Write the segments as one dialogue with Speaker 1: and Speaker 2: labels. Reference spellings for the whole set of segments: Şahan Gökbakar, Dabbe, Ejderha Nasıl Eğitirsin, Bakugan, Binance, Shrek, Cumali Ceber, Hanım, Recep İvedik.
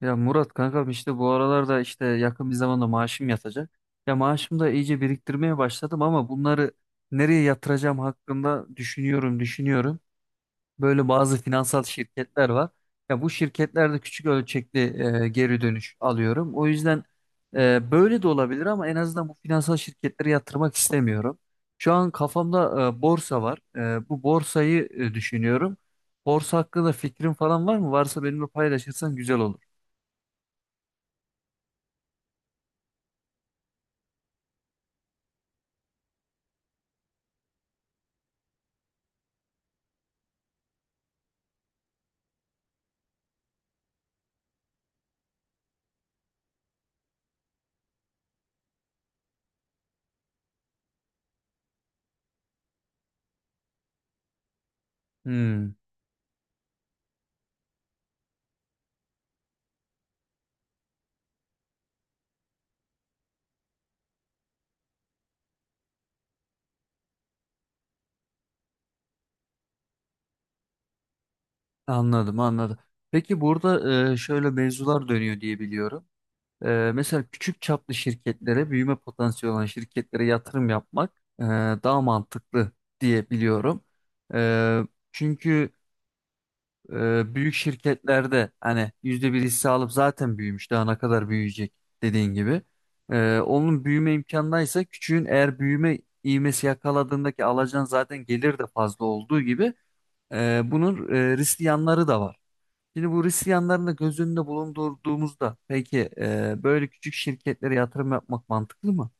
Speaker 1: Ya Murat kankam işte bu aralarda işte yakın bir zamanda maaşım yatacak. Ya maaşımı da iyice biriktirmeye başladım ama bunları nereye yatıracağım hakkında düşünüyorum, düşünüyorum. Böyle bazı finansal şirketler var. Ya bu şirketlerde küçük ölçekli geri dönüş alıyorum. O yüzden böyle de olabilir ama en azından bu finansal şirketlere yatırmak istemiyorum. Şu an kafamda borsa var. Bu borsayı düşünüyorum. Borsa hakkında fikrin falan var mı? Varsa benimle paylaşırsan güzel olur. Hmm. Anladım, anladım. Peki burada şöyle mevzular dönüyor diye biliyorum. Mesela küçük çaplı şirketlere, büyüme potansiyeli olan şirketlere yatırım yapmak e, daha mantıklı diye biliyorum. E, çünkü büyük şirketlerde hani yüzde bir hisse alıp zaten büyümüş, daha ne kadar büyüyecek dediğin gibi. Onun büyüme imkanındaysa küçüğün eğer büyüme ivmesi yakaladığındaki alacağın zaten gelir de fazla olduğu gibi bunun riskli yanları da var. Şimdi bu risk yanlarını da göz önünde bulundurduğumuzda peki böyle küçük şirketlere yatırım yapmak mantıklı mı?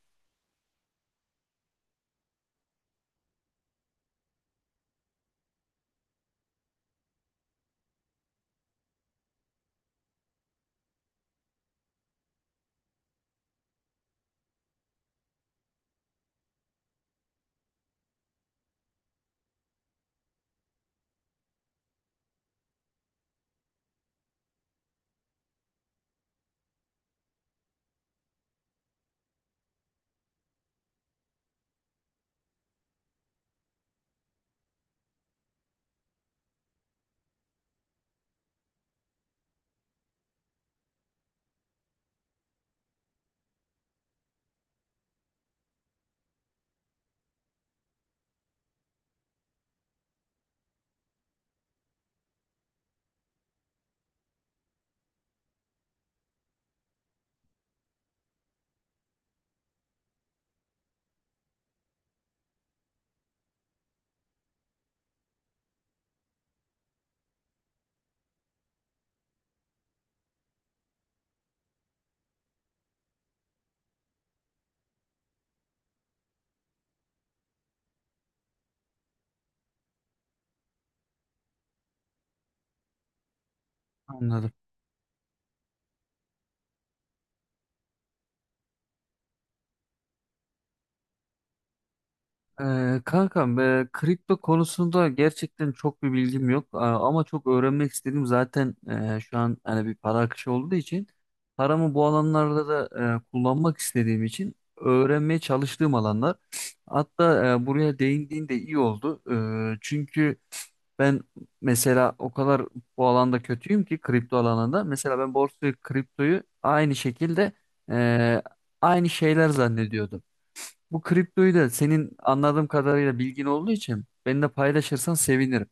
Speaker 1: Anladım. Kankam, kripto konusunda gerçekten çok bir bilgim yok. Ama çok öğrenmek istedim zaten, şu an hani bir para akışı olduğu için paramı bu alanlarda da kullanmak istediğim için öğrenmeye çalıştığım alanlar, hatta buraya değindiğin de iyi oldu. Çünkü ben mesela o kadar bu alanda kötüyüm ki kripto alanında. Mesela ben borsayı, kriptoyu aynı şekilde eee, aynı şeyler zannediyordum. Bu kriptoyu da senin anladığım kadarıyla bilgin olduğu için benimle paylaşırsan sevinirim.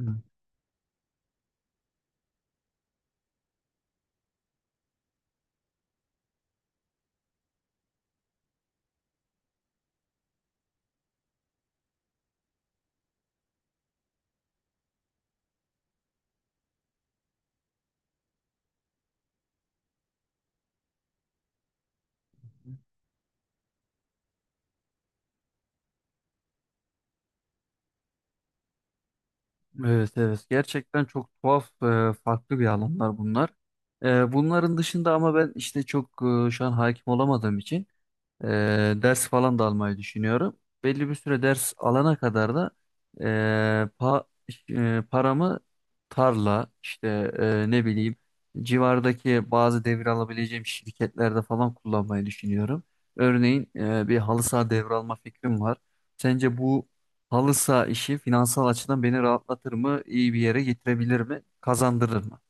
Speaker 1: Hı. Evet, evet, gerçekten çok tuhaf, farklı bir alanlar bunlar. Bunların dışında ama ben işte çok şu an hakim olamadığım için Ee, ders falan da almayı düşünüyorum. Belli bir süre ders alana kadar da ee, pa- paramı tarla işte, ne bileyim, civardaki bazı devir alabileceğim şirketlerde falan kullanmayı düşünüyorum. Örneğin bir halı saha devralma fikrim var. Sence bu halı saha işi finansal açıdan beni rahatlatır mı? İyi bir yere getirebilir mi? Kazandırır mı?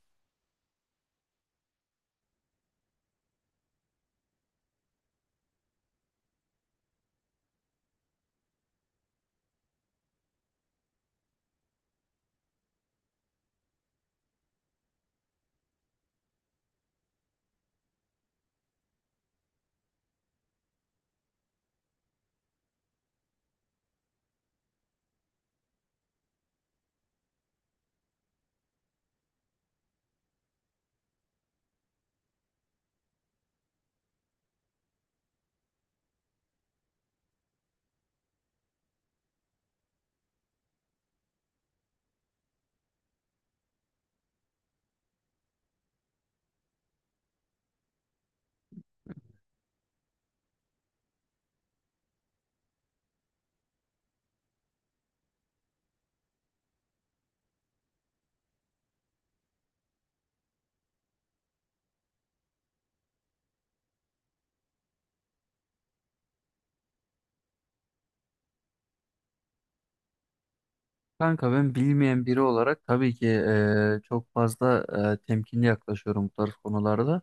Speaker 1: Kanka, ben bilmeyen biri olarak tabii ki çok fazla temkinli yaklaşıyorum bu tarz konularda.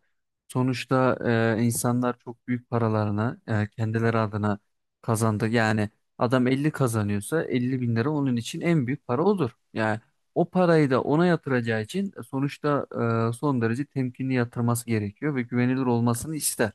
Speaker 1: Sonuçta insanlar çok büyük paralarını kendileri adına kazandı. Yani adam 50 kazanıyorsa 50 bin lira onun için en büyük para odur. Yani o parayı da ona yatıracağı için sonuçta son derece temkinli yatırması gerekiyor ve güvenilir olmasını ister.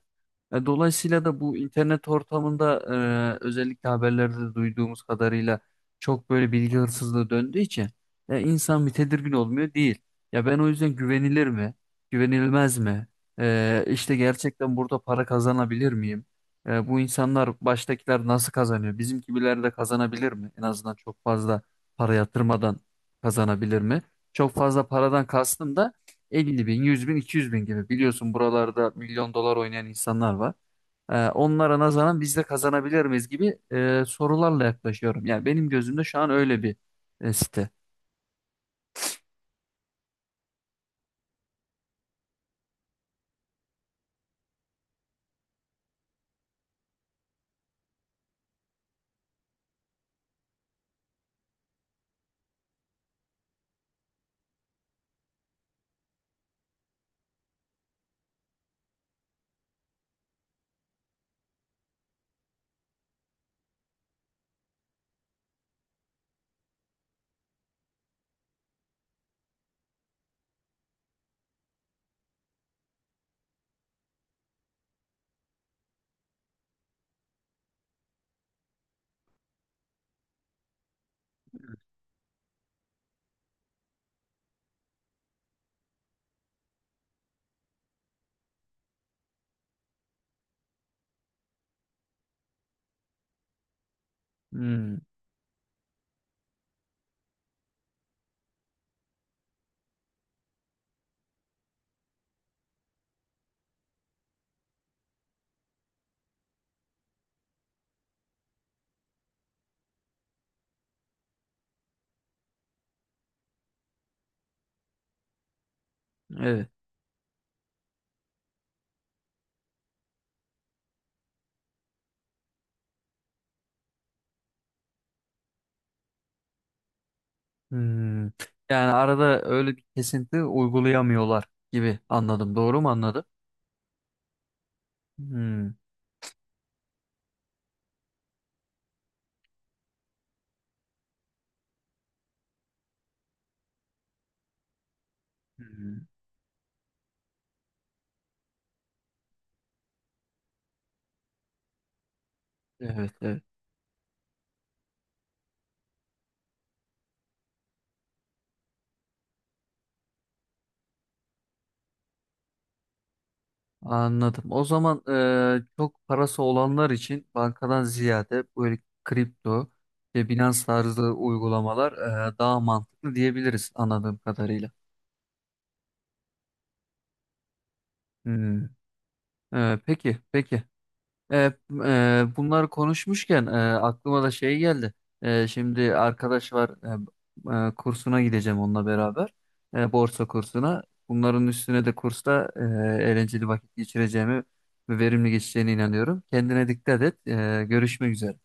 Speaker 1: Dolayısıyla da bu internet ortamında özellikle haberlerde duyduğumuz kadarıyla çok böyle bilgi hırsızlığı döndüğü için ya insan bir tedirgin olmuyor değil. Ya ben o yüzden güvenilir mi? Güvenilmez mi? İşte gerçekten burada para kazanabilir miyim? Bu insanlar, baştakiler nasıl kazanıyor? Bizim gibiler de kazanabilir mi? En azından çok fazla para yatırmadan kazanabilir mi? Çok fazla paradan kastım da 50 bin, 100 bin, 200 bin gibi. Biliyorsun buralarda milyon dolar oynayan insanlar var. Onlara nazaran biz de kazanabilir miyiz gibi sorularla yaklaşıyorum. Yani benim gözümde şu an öyle bir site. Hmm, evet. Hmm. Yani arada öyle bir kesinti uygulayamıyorlar gibi anladım. Doğru mu anladım? Hmm. Hmm. Evet, evet. Anladım. O zaman çok parası olanlar için bankadan ziyade böyle kripto ve Binance tarzı uygulamalar daha mantıklı diyebiliriz anladığım kadarıyla. Hmm. Peki, peki. E, Bunları konuşmuşken aklıma da şey geldi. Şimdi arkadaş var, kursuna gideceğim onunla beraber. Borsa kursuna. Bunların üstüne de kursta eğlenceli vakit geçireceğimi ve verimli geçeceğine inanıyorum. Kendine dikkat et. Görüşmek üzere.